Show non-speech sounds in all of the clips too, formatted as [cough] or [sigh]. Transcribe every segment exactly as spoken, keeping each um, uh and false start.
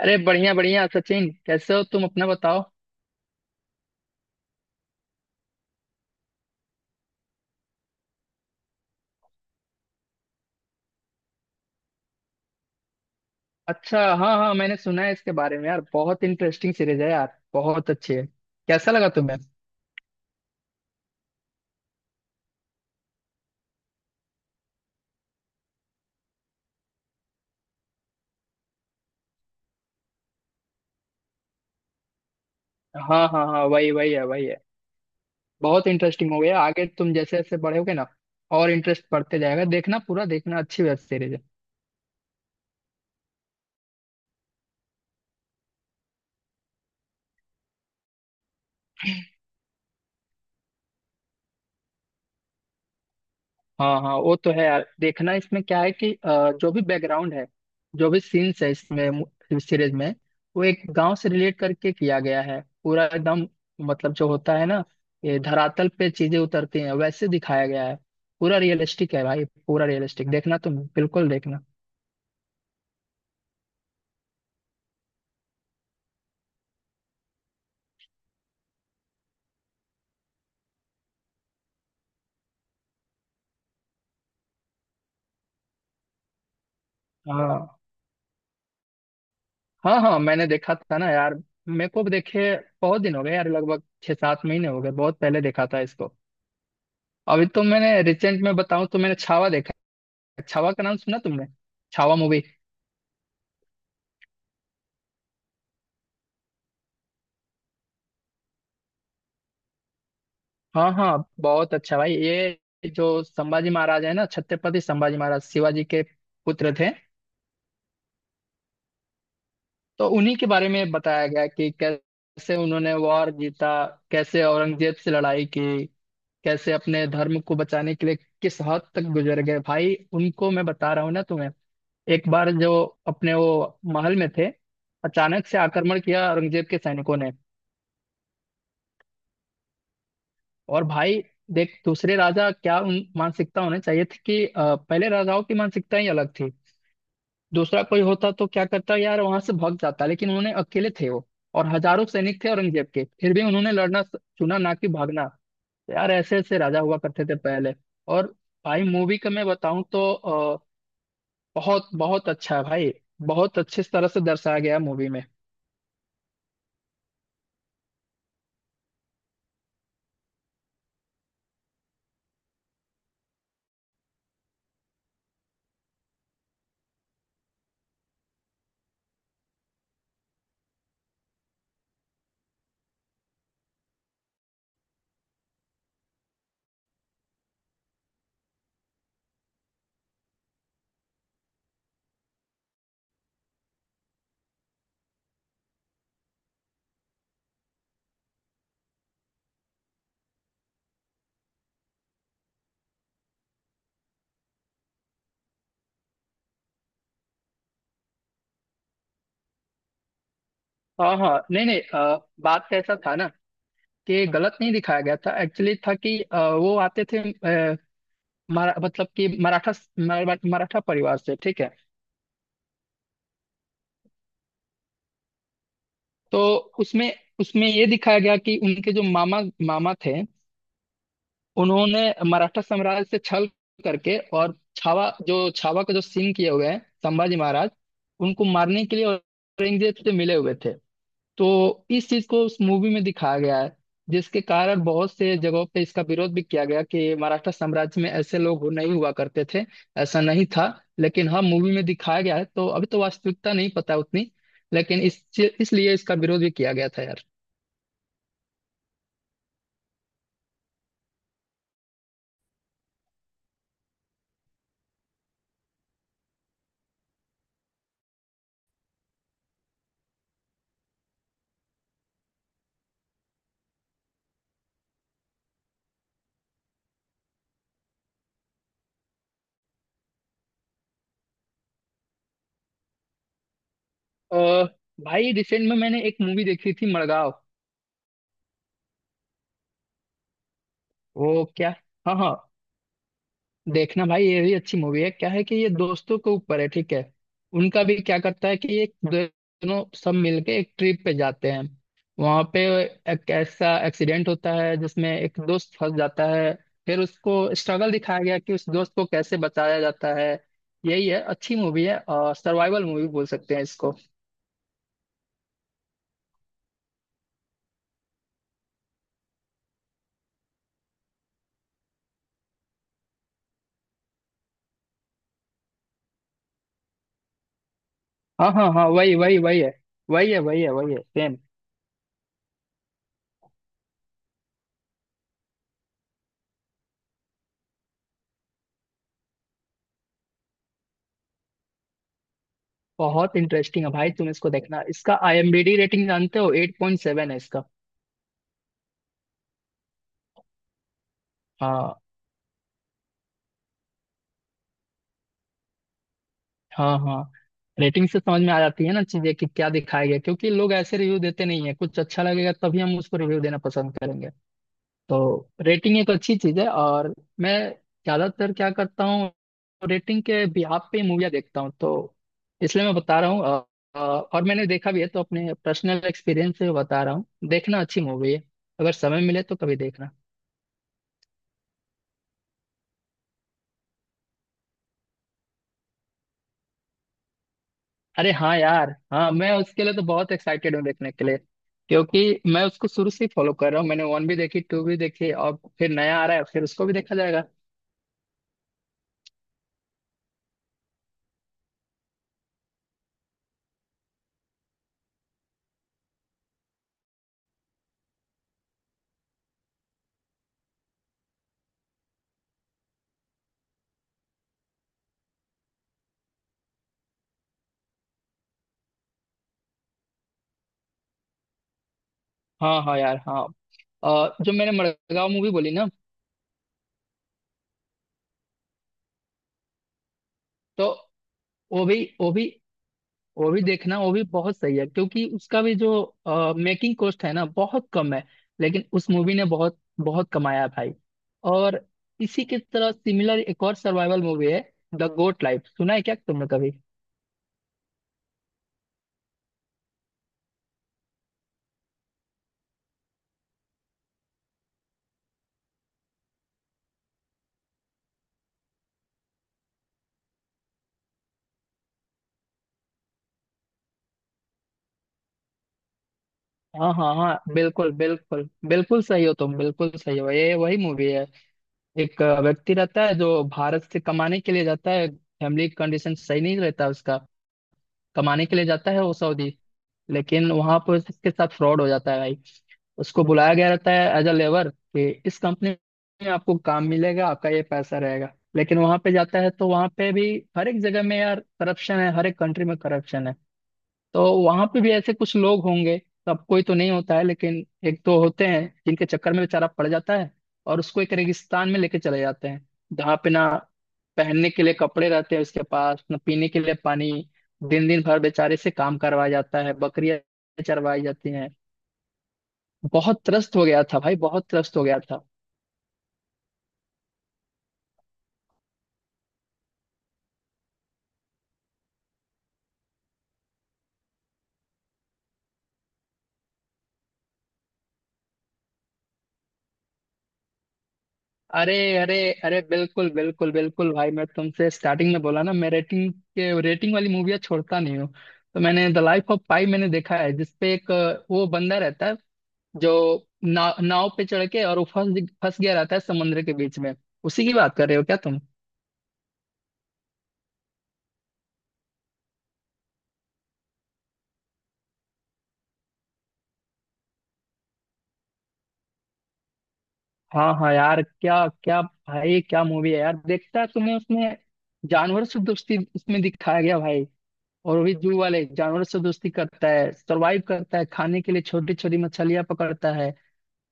अरे बढ़िया बढ़िया सचिन, कैसे हो तुम? अपना बताओ। अच्छा, हाँ हाँ, मैंने सुना है इसके बारे में यार। बहुत इंटरेस्टिंग सीरीज है यार, बहुत अच्छी है। कैसा लगा तुम्हें? हाँ हाँ हाँ, वही वही है, वही है। बहुत इंटरेस्टिंग हो गया आगे। तुम जैसे जैसे बढ़ोगे ना, और इंटरेस्ट बढ़ते जाएगा। देखना, पूरा देखना, अच्छी वेब सीरीज है। हाँ हाँ, वो तो है यार। देखना, इसमें क्या है कि अ, जो भी बैकग्राउंड है, जो भी सीन्स है इसमें, सीरीज में, वो एक गांव से रिलेट करके किया गया है पूरा, एकदम। मतलब, जो होता है ना, ये धरातल पे चीजें उतरती हैं वैसे दिखाया गया है। पूरा रियलिस्टिक है भाई, पूरा रियलिस्टिक। देखना तुम, बिल्कुल देखना। हाँ हाँ हाँ, मैंने देखा था ना यार। मेरे को भी देखे बहुत दिन हो गए यार, लगभग छह सात महीने हो गए, बहुत पहले देखा था इसको। अभी तो मैंने, रिसेंट में बताऊं तो, मैंने छावा देखा। छावा का नाम सुना तुमने? छावा मूवी। हाँ हाँ, बहुत अच्छा भाई। ये जो संभाजी महाराज है ना, छत्रपति संभाजी महाराज, शिवाजी के पुत्र थे। तो उन्हीं के बारे में बताया गया कि कैसे उन्होंने वॉर जीता, कैसे औरंगजेब से लड़ाई की, कैसे अपने धर्म को बचाने के लिए किस हद तक गुजर गए भाई। उनको मैं बता रहा हूँ ना तुम्हें। एक बार, जो अपने वो महल में थे, अचानक से आक्रमण किया औरंगजेब के सैनिकों ने। और भाई, देख, दूसरे राजा क्या उन मानसिकता होने चाहिए थी कि अ, पहले राजाओं की मानसिकता ही अलग थी। दूसरा कोई होता तो क्या करता यार, वहां से भाग जाता। लेकिन उन्होंने, अकेले थे वो, और हजारों सैनिक थे औरंगजेब के, फिर भी उन्होंने लड़ना स- चुना, ना कि भागना। यार ऐसे ऐसे राजा हुआ करते थे पहले। और भाई, मूवी का मैं बताऊं तो अ, बहुत बहुत अच्छा है भाई। बहुत अच्छे तरह से दर्शाया गया मूवी में। हाँ हाँ, नहीं नहीं, अ, बात ऐसा था ना, कि गलत नहीं दिखाया गया था। एक्चुअली था कि अ, वो आते थे, मरा, मतलब कि मराठा, मरा- मराठा परिवार से, ठीक है। तो उसमें उसमें ये दिखाया गया कि उनके जो मामा, मामा थे, उन्होंने मराठा साम्राज्य से छल करके, और छावा, जो छावा का जो सीन किए हुए हैं संभाजी महाराज, उनको मारने के लिए औरंगजेब से मिले हुए थे। तो इस चीज को उस मूवी में दिखाया गया है, जिसके कारण बहुत से जगहों पे इसका विरोध भी किया गया कि मराठा साम्राज्य में ऐसे लोग हो, नहीं हुआ करते थे। ऐसा नहीं था। लेकिन हाँ, मूवी में दिखाया गया है तो अभी तो वास्तविकता नहीं पता उतनी। लेकिन इस इसलिए इसका विरोध भी किया गया था यार। अ, भाई, रिसेंट में मैंने एक मूवी देखी थी, मड़गांव। वो क्या, हाँ हाँ, देखना भाई, ये भी अच्छी मूवी है। क्या है कि ये दोस्तों के ऊपर है, ठीक है। उनका भी क्या करता है कि ये दोनों सब मिलके एक ट्रिप पे जाते हैं। वहां पे एक ऐसा एक्सीडेंट होता है जिसमें एक दोस्त फंस जाता है। फिर उसको स्ट्रगल दिखाया गया कि उस दोस्त को कैसे बचाया जाता है। यही है, अच्छी मूवी है, और सर्वाइवल मूवी बोल सकते हैं इसको। हाँ हाँ हाँ, वही वही वही है, वही है, वही है, वही है, सेम। बहुत इंटरेस्टिंग है भाई, तुम इसको देखना। इसका I am D B rating जानते हो? एट पॉइंट सेवन है इसका। हाँ हाँ हाँ, रेटिंग से समझ में आ जाती है ना चीजें, कि क्या दिखाया गया। क्योंकि लोग ऐसे रिव्यू देते नहीं है, कुछ अच्छा लगेगा तभी हम उसको रिव्यू देना पसंद करेंगे। तो रेटिंग एक अच्छी चीज है। और मैं ज्यादातर क्या करता हूँ, रेटिंग के बिहाफ पे मूवियाँ देखता हूँ, तो इसलिए मैं बता रहा हूँ अ, अ, और मैंने देखा भी है, तो अपने पर्सनल एक्सपीरियंस से बता रहा हूँ, देखना अच्छी मूवी है। अगर समय मिले तो कभी देखना। अरे हाँ यार, हाँ, मैं उसके लिए तो बहुत एक्साइटेड हूँ देखने के लिए। क्योंकि मैं उसको शुरू से ही फॉलो कर रहा हूँ। मैंने वन भी देखी, टू भी देखी, और फिर नया आ रहा है, फिर उसको भी देखा जाएगा। हाँ हाँ यार हाँ, अ, जो मैंने मड़गांव मूवी बोली ना, तो वो भी वो भी वो भी देखना, वो भी बहुत सही है, क्योंकि उसका भी जो मेकिंग कॉस्ट है ना, बहुत कम है। लेकिन उस मूवी ने बहुत बहुत कमाया है भाई। और इसी की तरह सिमिलर एक और सर्वाइवल मूवी है, द गोट लाइफ, सुना है क्या तुमने कभी? हाँ हाँ हाँ, बिल्कुल बिल्कुल बिल्कुल सही हो तुम, बिल्कुल सही हो, ये वही मूवी है। एक अ, व्यक्ति रहता है जो भारत से कमाने के लिए जाता है, फैमिली कंडीशन सही नहीं रहता उसका। कमाने के लिए जाता है वो सऊदी। लेकिन वहां पर उसके साथ फ्रॉड हो जाता है भाई। उसको बुलाया गया रहता है एज अ लेबर, कि इस कंपनी में आपको काम मिलेगा, आपका ये पैसा रहेगा। लेकिन वहां पे जाता है तो वहां पे भी, हर एक जगह में यार करप्शन है, हर एक कंट्री में करप्शन है। तो वहां पे भी ऐसे कुछ लोग होंगे, सबको ही तो नहीं होता है, लेकिन एक दो होते हैं जिनके चक्कर में बेचारा पड़ जाता है। और उसको एक रेगिस्तान में लेके चले जाते हैं, जहाँ पे ना पहनने के लिए कपड़े रहते हैं उसके पास, ना पीने के लिए पानी। दिन दिन भर बेचारे से काम करवाया जाता है, बकरियां चरवाई जाती हैं। बहुत त्रस्त हो गया था भाई, बहुत त्रस्त हो गया था। अरे अरे अरे, बिल्कुल बिल्कुल बिल्कुल भाई, मैं तुमसे स्टार्टिंग में बोला ना, मैं रेटिंग के रेटिंग वाली मूवियाँ छोड़ता नहीं हूँ। तो मैंने द लाइफ ऑफ पाई मैंने देखा है, जिसपे एक अ, वो बंदा रहता है, जो ना, नाव पे चढ़ के और वो फंस फंस गया रहता है समुद्र के बीच में। उसी की बात कर रहे हो क्या तुम? हाँ हाँ यार, क्या क्या भाई, क्या मूवी है यार। देखता है तुम्हें उसमें, जानवर से दोस्ती उसमें दिखाया गया भाई। और वो भी जू वाले जानवर से दोस्ती करता है, सरवाइव करता है, खाने के लिए छोटी छोटी मछलियां पकड़ता है,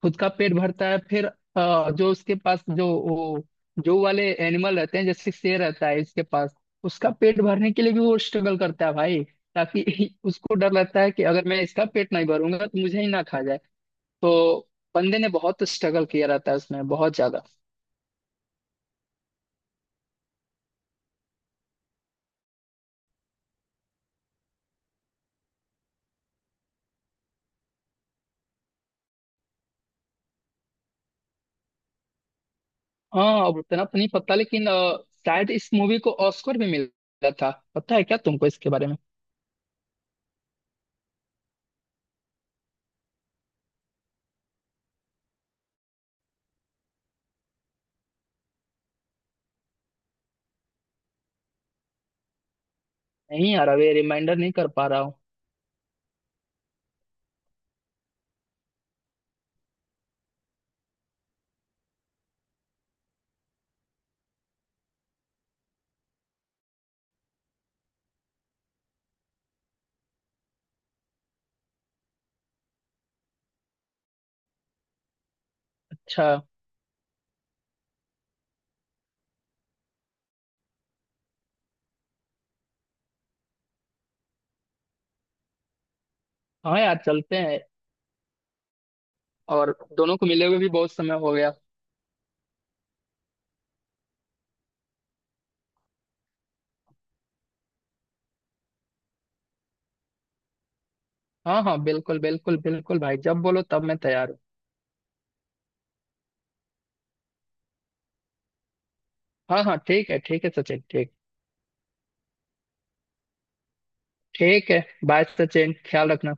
खुद का पेट भरता है। फिर अ, जो उसके पास, जो वो जो वाले एनिमल रहते हैं, जैसे शेर रहता है इसके पास, उसका पेट भरने के लिए भी वो स्ट्रगल करता है भाई। ताकि [laughs] उसको डर लगता है कि अगर मैं इसका पेट नहीं भरूंगा तो मुझे ही ना खा जाए। तो बंदे ने बहुत स्ट्रगल किया रहता है उसमें, बहुत ज्यादा। हाँ, अब उतना तो नहीं पता, लेकिन अ, शायद इस मूवी को ऑस्कर भी मिला था, पता है क्या तुमको इसके बारे में? नहीं यार, अभी रिमाइंडर नहीं कर पा रहा हूँ। अच्छा। हाँ यार चलते हैं। और दोनों को मिले हुए भी बहुत समय हो गया। हाँ हाँ, बिल्कुल बिल्कुल बिल्कुल भाई, जब बोलो तब मैं तैयार हूँ। हाँ हाँ, ठीक है, ठीक है सचिन, ठीक। ठीक है। बाय सचिन, ख्याल रखना।